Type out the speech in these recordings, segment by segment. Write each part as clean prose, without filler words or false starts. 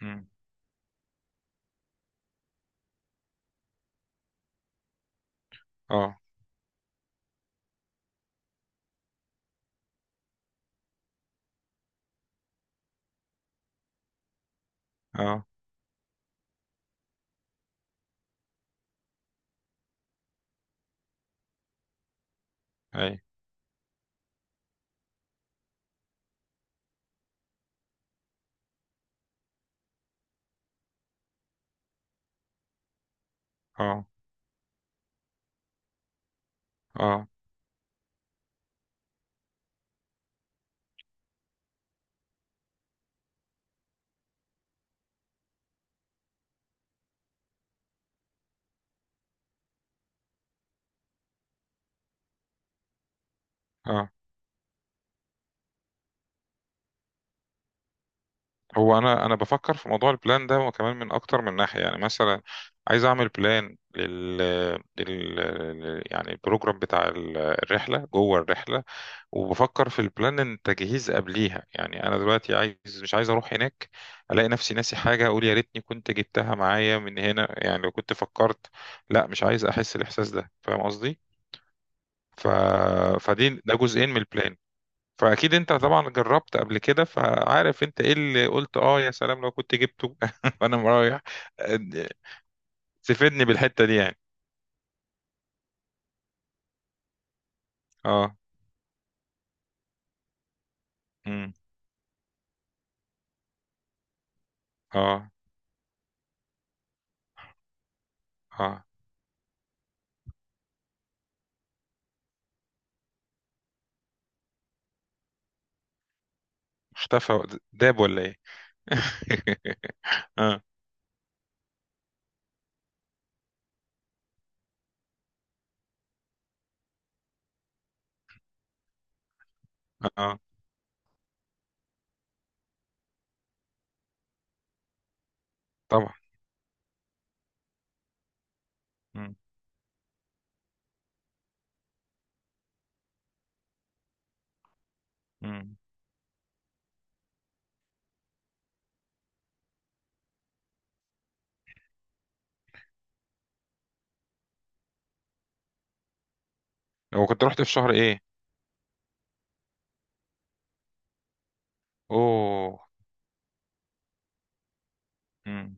مم. اه، اه، اي، اه، اه، اه. هو انا بفكر في موضوع البلان ده، وكمان من اكتر من ناحيه. يعني مثلا عايز اعمل بلان يعني البروجرام بتاع الرحله جوه الرحله، وبفكر في البلان التجهيز قبليها. يعني انا دلوقتي عايز، مش عايز اروح هناك الاقي نفسي ناسي حاجه، اقول يا ريتني كنت جبتها معايا من هنا يعني لو كنت فكرت. لا، مش عايز احس الاحساس ده. فاهم قصدي؟ ف... فدي ده جزئين من البلان. فاكيد انت طبعا جربت قبل كده، فعارف انت ايه اللي قلت اه يا سلام لو كنت جبته وانا رايح. تفيدني بالحته دي يعني. اه. امم. اه. اه. اختفى، داب ولا ايه؟ اه. اه طبعا. امم. امم. هو كنت رحت في شهر ايه؟ اوه. امم.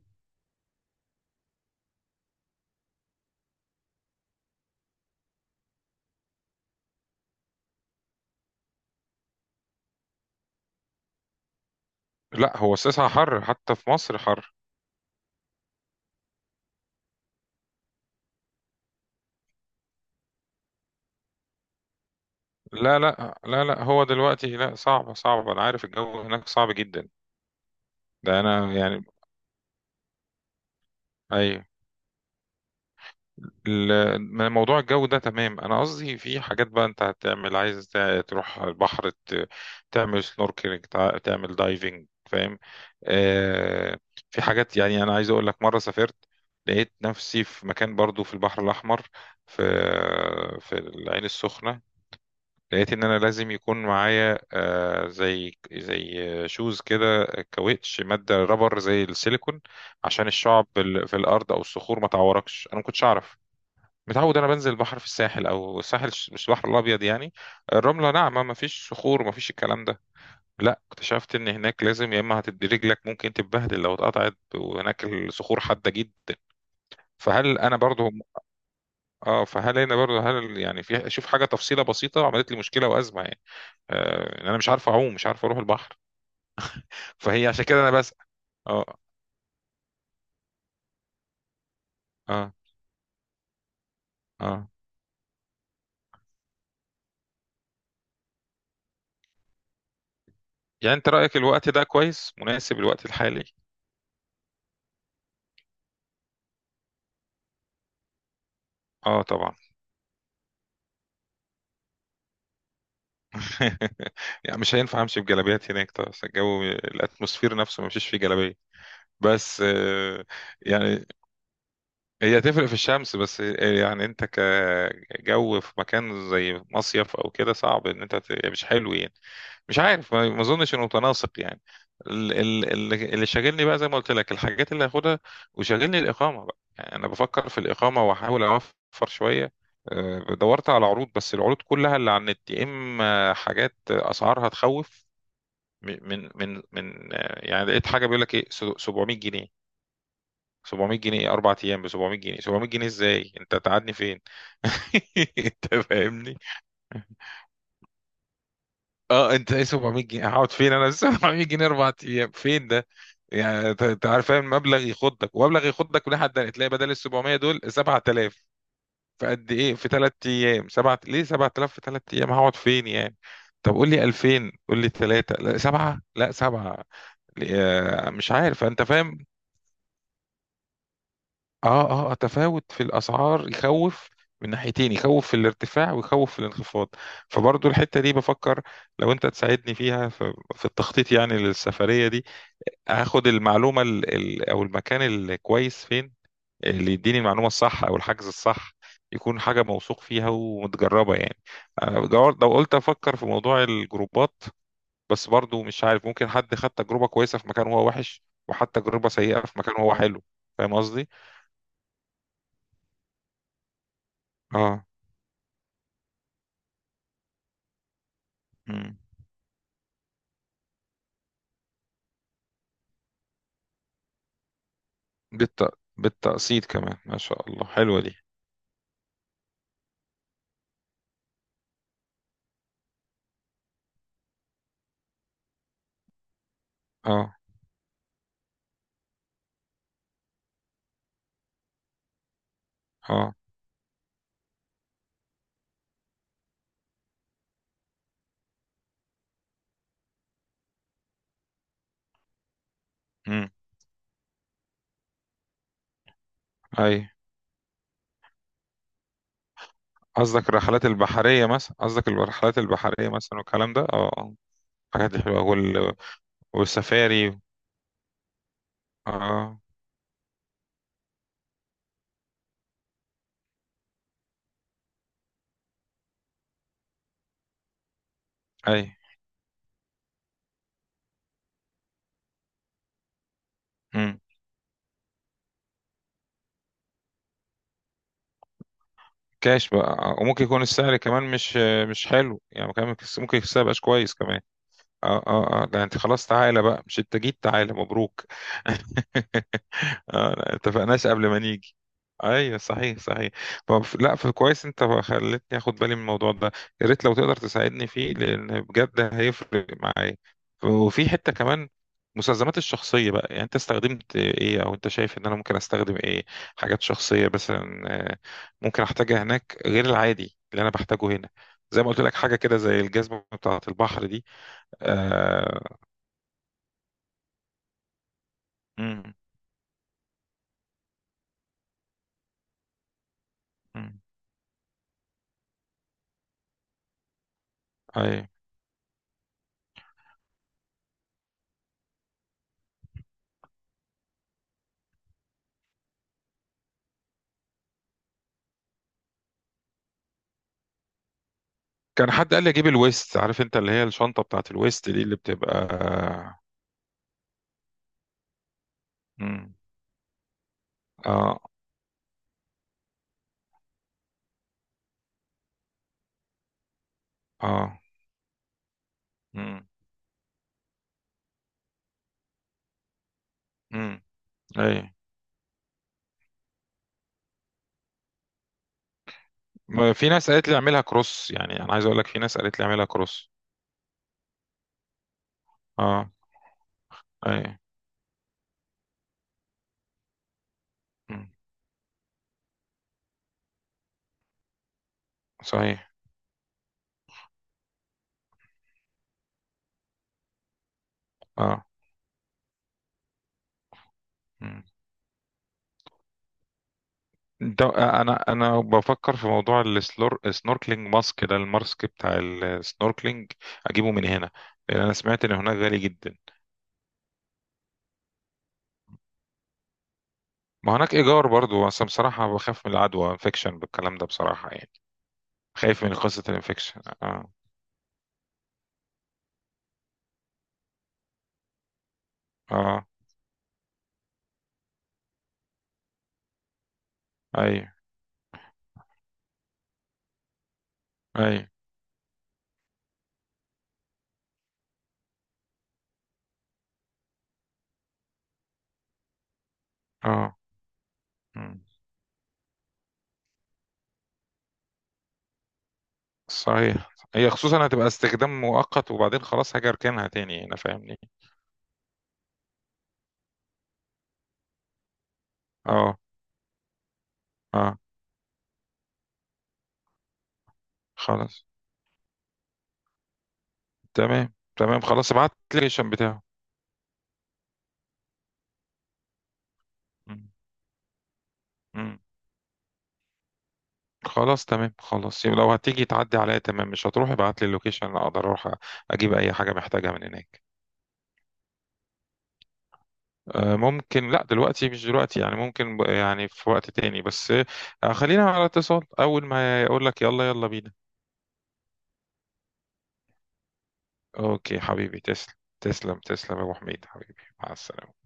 لا، هو الساعة حر، حتى في مصر حر. لا، لا، لا، لا، هو دلوقتي لا، صعبة صعبة. انا عارف الجو هناك صعب جدا. ده انا يعني. ايوه. من موضوع الجو ده تمام. انا قصدي في حاجات بقى انت هتعمل، عايز تروح البحر، تعمل سنوركلينج، تعمل دايفنج، فاهم؟ آه. في حاجات يعني انا عايز اقول لك، مره سافرت لقيت نفسي في مكان برضو في البحر الاحمر، في في العين السخنه. لقيت ان انا لازم يكون معايا آه زي شوز كده، كاوتش، ماده رابر زي السيليكون، عشان الشعب في الارض او الصخور ما تعوركش. انا ما كنتش اعرف، متعود انا بنزل البحر في الساحل، او الساحل مش البحر الابيض يعني. الرمله ناعمه، ما فيش صخور، ما فيش الكلام ده. لا، اكتشفت ان هناك لازم، يا اما هتدي رجلك ممكن تتبهدل لو اتقطعت، وهناك الصخور حاده جدا. فهل انا برضو اه فهل انا برضو هل يعني في اشوف حاجه تفصيله بسيطه عملت لي مشكله وازمه يعني. آه، إن انا مش عارف اعوم، مش عارف اروح البحر. فهي عشان كده انا بسأل. اه. اه. اه. يعني انت رايك الوقت ده كويس، مناسب الوقت الحالي؟ اه طبعا. يعني مش هينفع امشي بجلابيات هناك طبعا، الجو الاتموسفير نفسه ما مشيش فيه جلابيه. بس يعني هي تفرق في الشمس، بس يعني انت كجو في مكان زي مصيف او كده صعب ان انت يعني مش حلو يعني. مش عارف، ما اظنش انه متناسق يعني. اللي شاغلني بقى زي ما قلت لك الحاجات اللي هاخدها، وشاغلني الاقامه بقى يعني. انا بفكر في الاقامه واحاول اوفر شويه. دورت على عروض، بس العروض كلها اللي على النت يا اما حاجات اسعارها تخوف. يعني لقيت حاجه بيقول لك ايه، 700 جنيه. 700 جنيه 4 ايام ب 700 جنيه؟ 700 جنيه ازاي انت تقعدني فين؟ انت فاهمني. اه، انت ايه، 700 جنيه هقعد فين انا؟ 700 جنيه 4 ايام، فين ده؟ يعني انت، أنت عارف، فاهم مبلغ يخضك، ومبلغ يخضك لحد ده تلاقي بدل ال 700 دول 7000. فقد ايه، في 3 ايام، سبعة ليه 7000 في 3 ايام، هقعد فين يعني؟ طب قول لي 2000، قول لي 3، لا 7، لا 7، مش عارف، انت فاهم. اه. اه. آه، تفاوت في الاسعار يخوف من ناحيتين، يخوف في الارتفاع ويخوف في الانخفاض. فبرضو الحتة دي بفكر لو انت تساعدني فيها في التخطيط يعني للسفرية دي. هاخد المعلومة ال ال او المكان الكويس فين، اللي يديني المعلومة الصح او الحجز الصح. يكون حاجة موثوق فيها ومتجربة يعني. أنا لو قلت افكر في موضوع الجروبات، بس برضو مش عارف. ممكن حد خد تجربة كويسة في مكان هو وحش، وحتى تجربة سيئة في مكان هو حلو. فاهم قصدي؟ اه. بالت... بالتقسيط كمان ما شاء الله، حلوة دي. اه. اه. امم. اي. قصدك الرحلات البحرية مثلا، قصدك الرحلات البحرية مثلا والكلام ده؟ اه. آه. الحاجات دي حلوة والسفاري. اه. اي. امم. كاش بقى. آه. وممكن يكون السعر كمان مش حلو يعني، كمان ممكن السعر مبقاش كويس كمان. اه. اه. اه، ده انت خلاص، تعالى بقى، مش انت جيت، تعالى مبروك. اه لا، اتفقناش قبل ما نيجي. ايوه، صحيح صحيح. طب لا، فكويس انت خلتني اخد بالي من الموضوع ده. يا ريت لو تقدر تساعدني فيه لان بجد هيفرق معايا. وفي حته كمان، مستلزمات الشخصيه بقى يعني. انت استخدمت ايه او انت شايف ان انا ممكن استخدم ايه؟ حاجات شخصيه مثلا، آه، ممكن احتاجها هناك غير العادي اللي انا بحتاجه هنا. زي ما قلت لك حاجه كده زي الجزمه بتاعه البحر دي. آه. امم. امم. اي. كان حد قال لي اجيب الويست، عارف انت اللي هي الشنطه بتاعت الويست دي اللي بتبقى. امم. اه. اه. امم. امم. اي. ما في ناس قالت لي اعملها كروس، يعني انا عايز اقول لك في ناس قالت لي اعملها كروس. اه. اي. امم. صحيح. اه. مم. ده انا بفكر في موضوع السنوركلينج ماسك، ده الماسك بتاع السنوركلينج، اجيبه من هنا لان انا سمعت ان هناك غالي جدا. ما هناك ايجار برضو، بس أنا بصراحه بخاف من العدوى، انفكشن بالكلام ده بصراحه يعني. خايف من قصه الانفكشن. اه. اه. اي. اي. اه. مم. صحيح، هي خصوصا هتبقى استخدام مؤقت وبعدين خلاص هاجي اركنها تاني هنا، فاهمني. اه. اه. خلاص، تمام تمام، خلاص ابعت لي اللوكيشن بتاعه. مم. مم. خلاص تمام، خلاص يبقى لو هتيجي تعدي عليا تمام، مش هتروح ابعت لي اللوكيشن اقدر اروح اجيب اي حاجه محتاجها من هناك. ممكن، لا دلوقتي، مش دلوقتي يعني، ممكن يعني في وقت تاني. بس خلينا على اتصال، أول ما يقول لك يلا يلا بينا. أوكي حبيبي، تسلم. تسلم تسلم يا أبو حميد، حبيبي، مع السلامة.